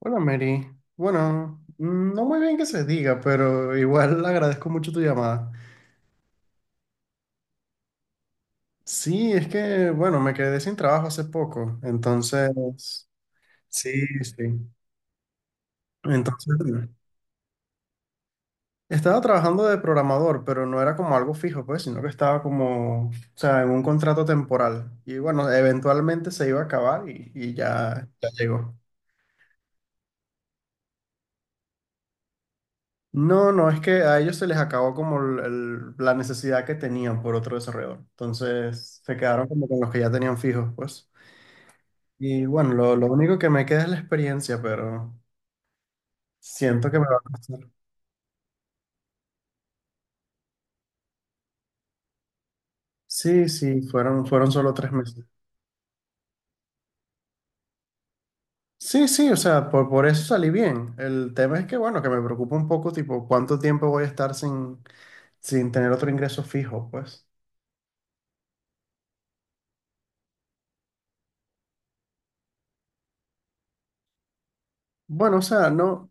Hola Mary. Bueno, no muy bien que se diga, pero igual agradezco mucho tu llamada. Sí, es que, bueno, me quedé sin trabajo hace poco, entonces, sí, sí. Entonces, bueno, estaba trabajando de programador, pero no era como algo fijo, pues, sino que estaba como, o sea, en un contrato temporal. Y bueno, eventualmente se iba a acabar y ya llegó. No, no, es que a ellos se les acabó como la necesidad que tenían por otro desarrollador. Entonces se quedaron como con los que ya tenían fijos, pues. Y bueno, lo único que me queda es la experiencia, pero siento que me va a costar. Sí, sí, fueron solo 3 meses. Sí, sí, o sea, por eso salí bien. El tema es que, bueno, que me preocupa un poco, tipo, cuánto tiempo voy a estar sin tener otro ingreso fijo, pues. Bueno, o sea, no,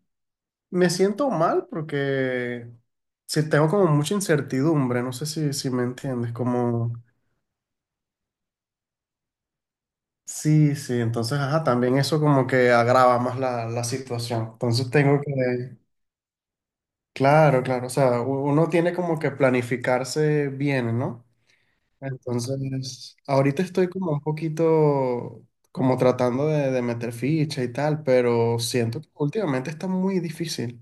me siento mal porque si tengo como mucha incertidumbre, no sé si me entiendes, como sí, sí, entonces, ajá, también eso como que agrava más la situación. Entonces tengo que, claro, claro, o sea, uno tiene como que planificarse bien, ¿no? Entonces, ahorita estoy como un poquito como tratando de meter ficha y tal, pero siento que últimamente está muy difícil.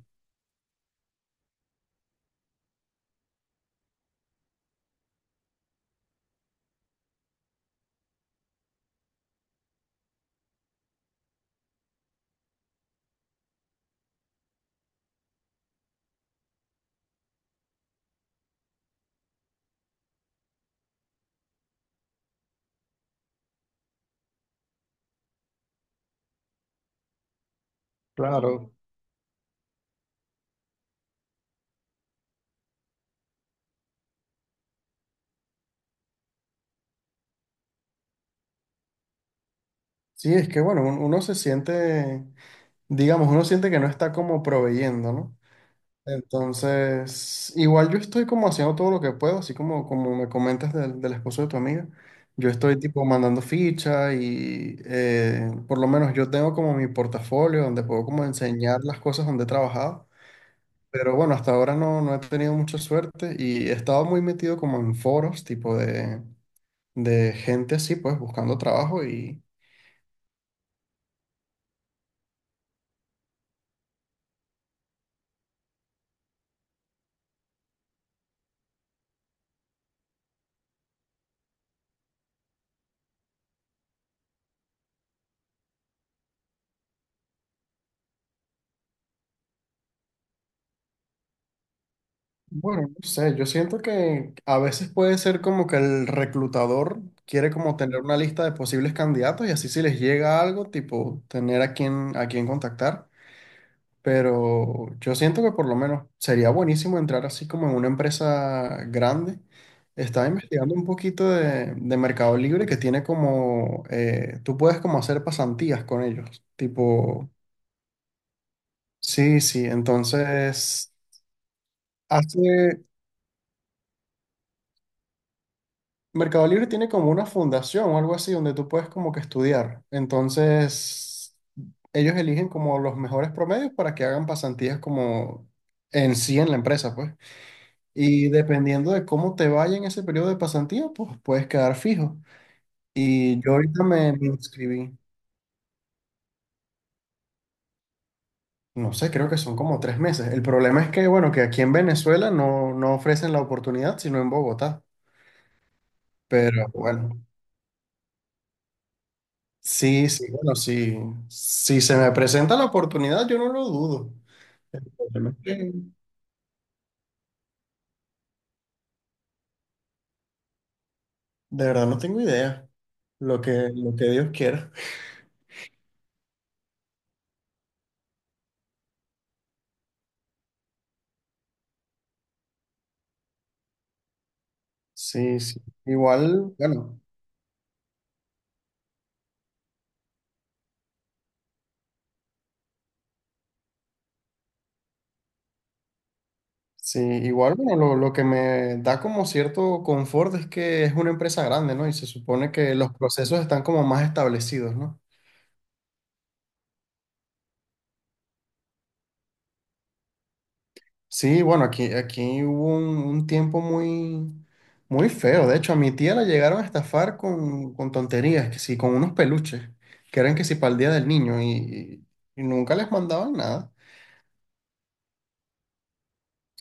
Claro. Sí, es que bueno, uno se siente digamos, uno siente que no está como proveyendo, ¿no? Entonces, igual yo estoy como haciendo todo lo que puedo, así como, como me comentas del esposo de tu amiga. Yo estoy tipo mandando ficha y por lo menos yo tengo como mi portafolio donde puedo como enseñar las cosas donde he trabajado. Pero bueno, hasta ahora no, no he tenido mucha suerte y he estado muy metido como en foros tipo de gente así, pues buscando trabajo. Bueno, no sé, yo siento que a veces puede ser como que el reclutador quiere como tener una lista de posibles candidatos y así si les llega algo, tipo tener a quién contactar. Pero yo siento que por lo menos sería buenísimo entrar así como en una empresa grande. Estaba investigando un poquito de Mercado Libre que tiene como, tú puedes como hacer pasantías con ellos. Tipo, sí, sí, entonces... Hace, Mercado Libre tiene como una fundación o algo así donde tú puedes como que estudiar. Entonces, ellos eligen como los mejores promedios para que hagan pasantías como en sí en la empresa, pues. Y dependiendo de cómo te vaya en ese periodo de pasantía, pues puedes quedar fijo. Y yo ahorita me inscribí, no sé, creo que son como 3 meses. El problema es que, bueno, que aquí en Venezuela no, no ofrecen la oportunidad, sino en Bogotá. Pero bueno. Sí, sí, bueno, sí. Si se me presenta la oportunidad, yo no lo dudo. Realmente, De verdad no tengo idea. Lo que Dios quiera. Sí, sí. Igual, bueno, sí, igual, bueno, lo que me da como cierto confort es que es una empresa grande, ¿no? Y se supone que los procesos están como más establecidos, ¿no? Sí, bueno, aquí hubo un tiempo muy, muy feo. De hecho, a mi tía la llegaron a estafar con tonterías, que sí, con unos peluches, que eran que sí para el Día del Niño, y nunca les mandaban nada.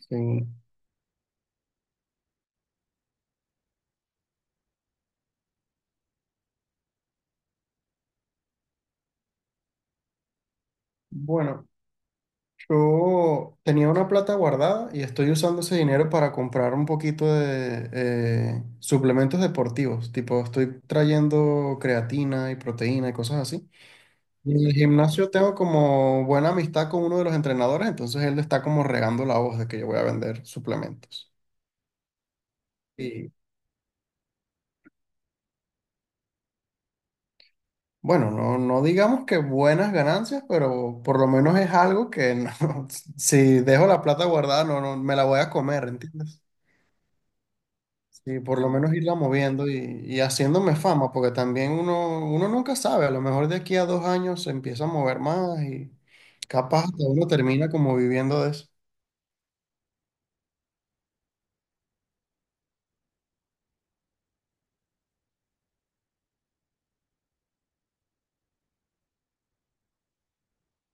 Sí. Bueno, yo tenía una plata guardada y estoy usando ese dinero para comprar un poquito de suplementos deportivos, tipo estoy trayendo creatina y proteína y cosas así. En el gimnasio tengo como buena amistad con uno de los entrenadores, entonces él está como regando la voz de que yo voy a vender suplementos. Y bueno, no, no digamos que buenas ganancias, pero por lo menos es algo que si dejo la plata guardada, no, no me la voy a comer, ¿entiendes? Sí, por lo menos irla moviendo y haciéndome fama, porque también uno nunca sabe, a lo mejor de aquí a 2 años se empieza a mover más y capaz hasta uno termina como viviendo de eso.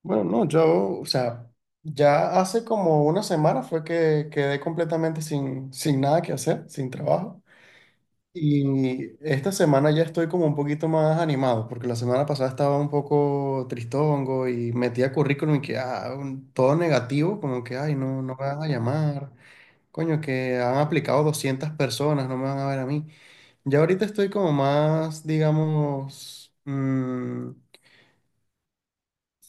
Bueno, no, yo, o sea, ya hace como una semana fue que quedé completamente sin nada que hacer, sin trabajo. Y esta semana ya estoy como un poquito más animado, porque la semana pasada estaba un poco tristongo y metía currículum y que todo negativo, como que, ay, no, no me van a llamar, coño, que han aplicado 200 personas, no me van a ver a mí. Ya ahorita estoy como más, digamos,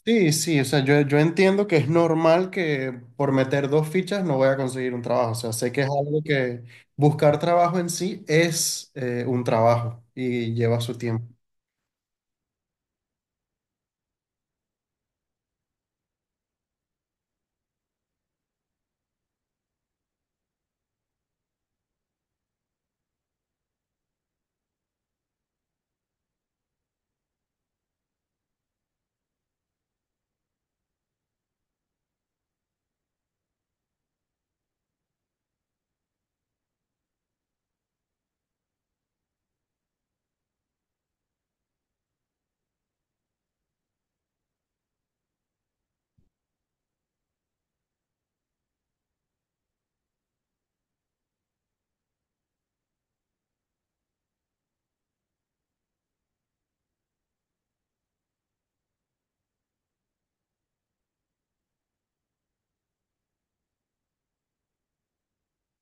sí, sí, o sea, yo entiendo que es normal que por meter dos fichas no voy a conseguir un trabajo, o sea, sé que es algo que buscar trabajo en sí es un trabajo y lleva su tiempo.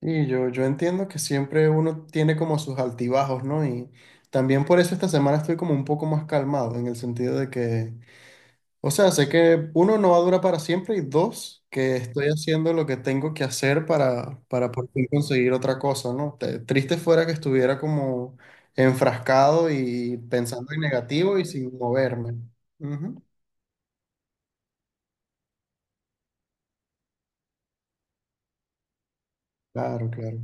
Y yo entiendo que siempre uno tiene como sus altibajos, ¿no? Y también por eso esta semana estoy como un poco más calmado, en el sentido de que o sea, sé que uno no va a durar para siempre y dos, que estoy haciendo lo que tengo que hacer para por fin conseguir otra cosa, ¿no? Triste fuera que estuviera como enfrascado y pensando en negativo y sin moverme. Ujú. Claro, claro.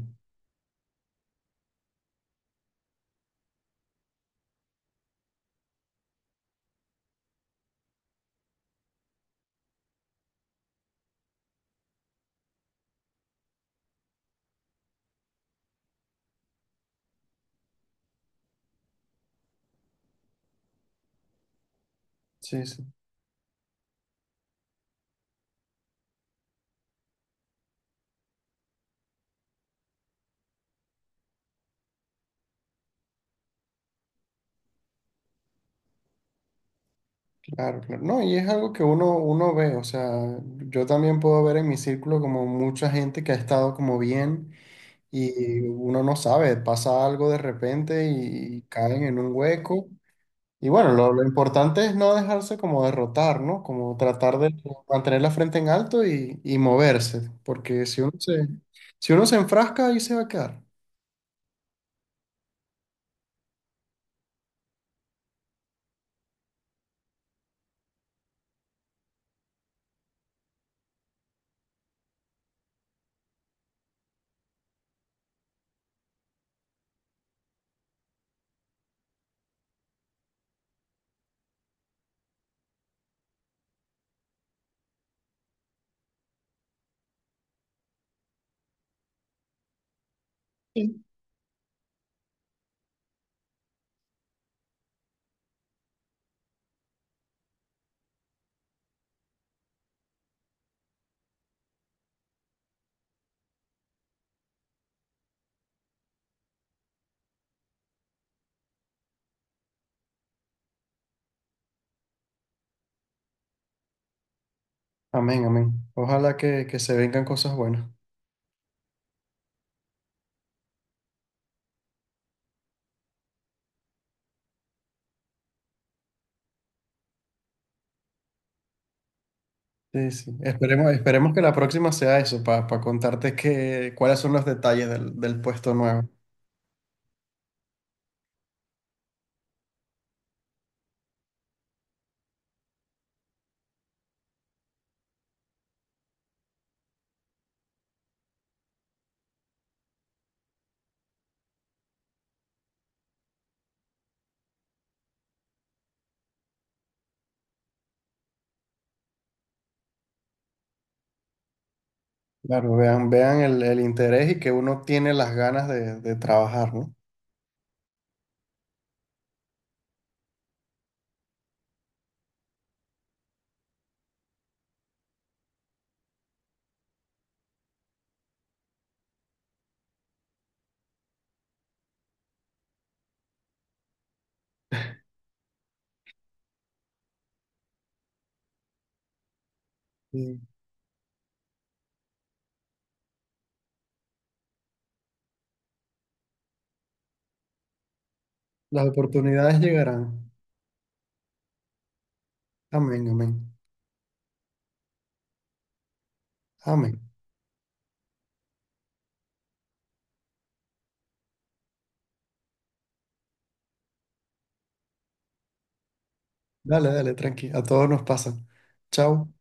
Sí, sí, claro, claro. No, y es algo que uno ve, o sea, yo también puedo ver en mi círculo como mucha gente que ha estado como bien y uno no sabe, pasa algo de repente y caen en un hueco. Y bueno, lo importante es no dejarse como derrotar, ¿no? Como tratar de mantener la frente en alto y moverse, porque si uno se enfrasca, ahí se va a quedar. Amén, amén. Ojalá que se vengan cosas buenas. Sí, sí. Esperemos, esperemos que la próxima sea eso, para contarte que, cuáles son los detalles del puesto nuevo. Claro, vean, vean el interés y que uno tiene las ganas de trabajar, ¿no? Sí. Las oportunidades llegarán. Amén, amén. Amén. Dale, dale, tranqui. A todos nos pasa. Chao.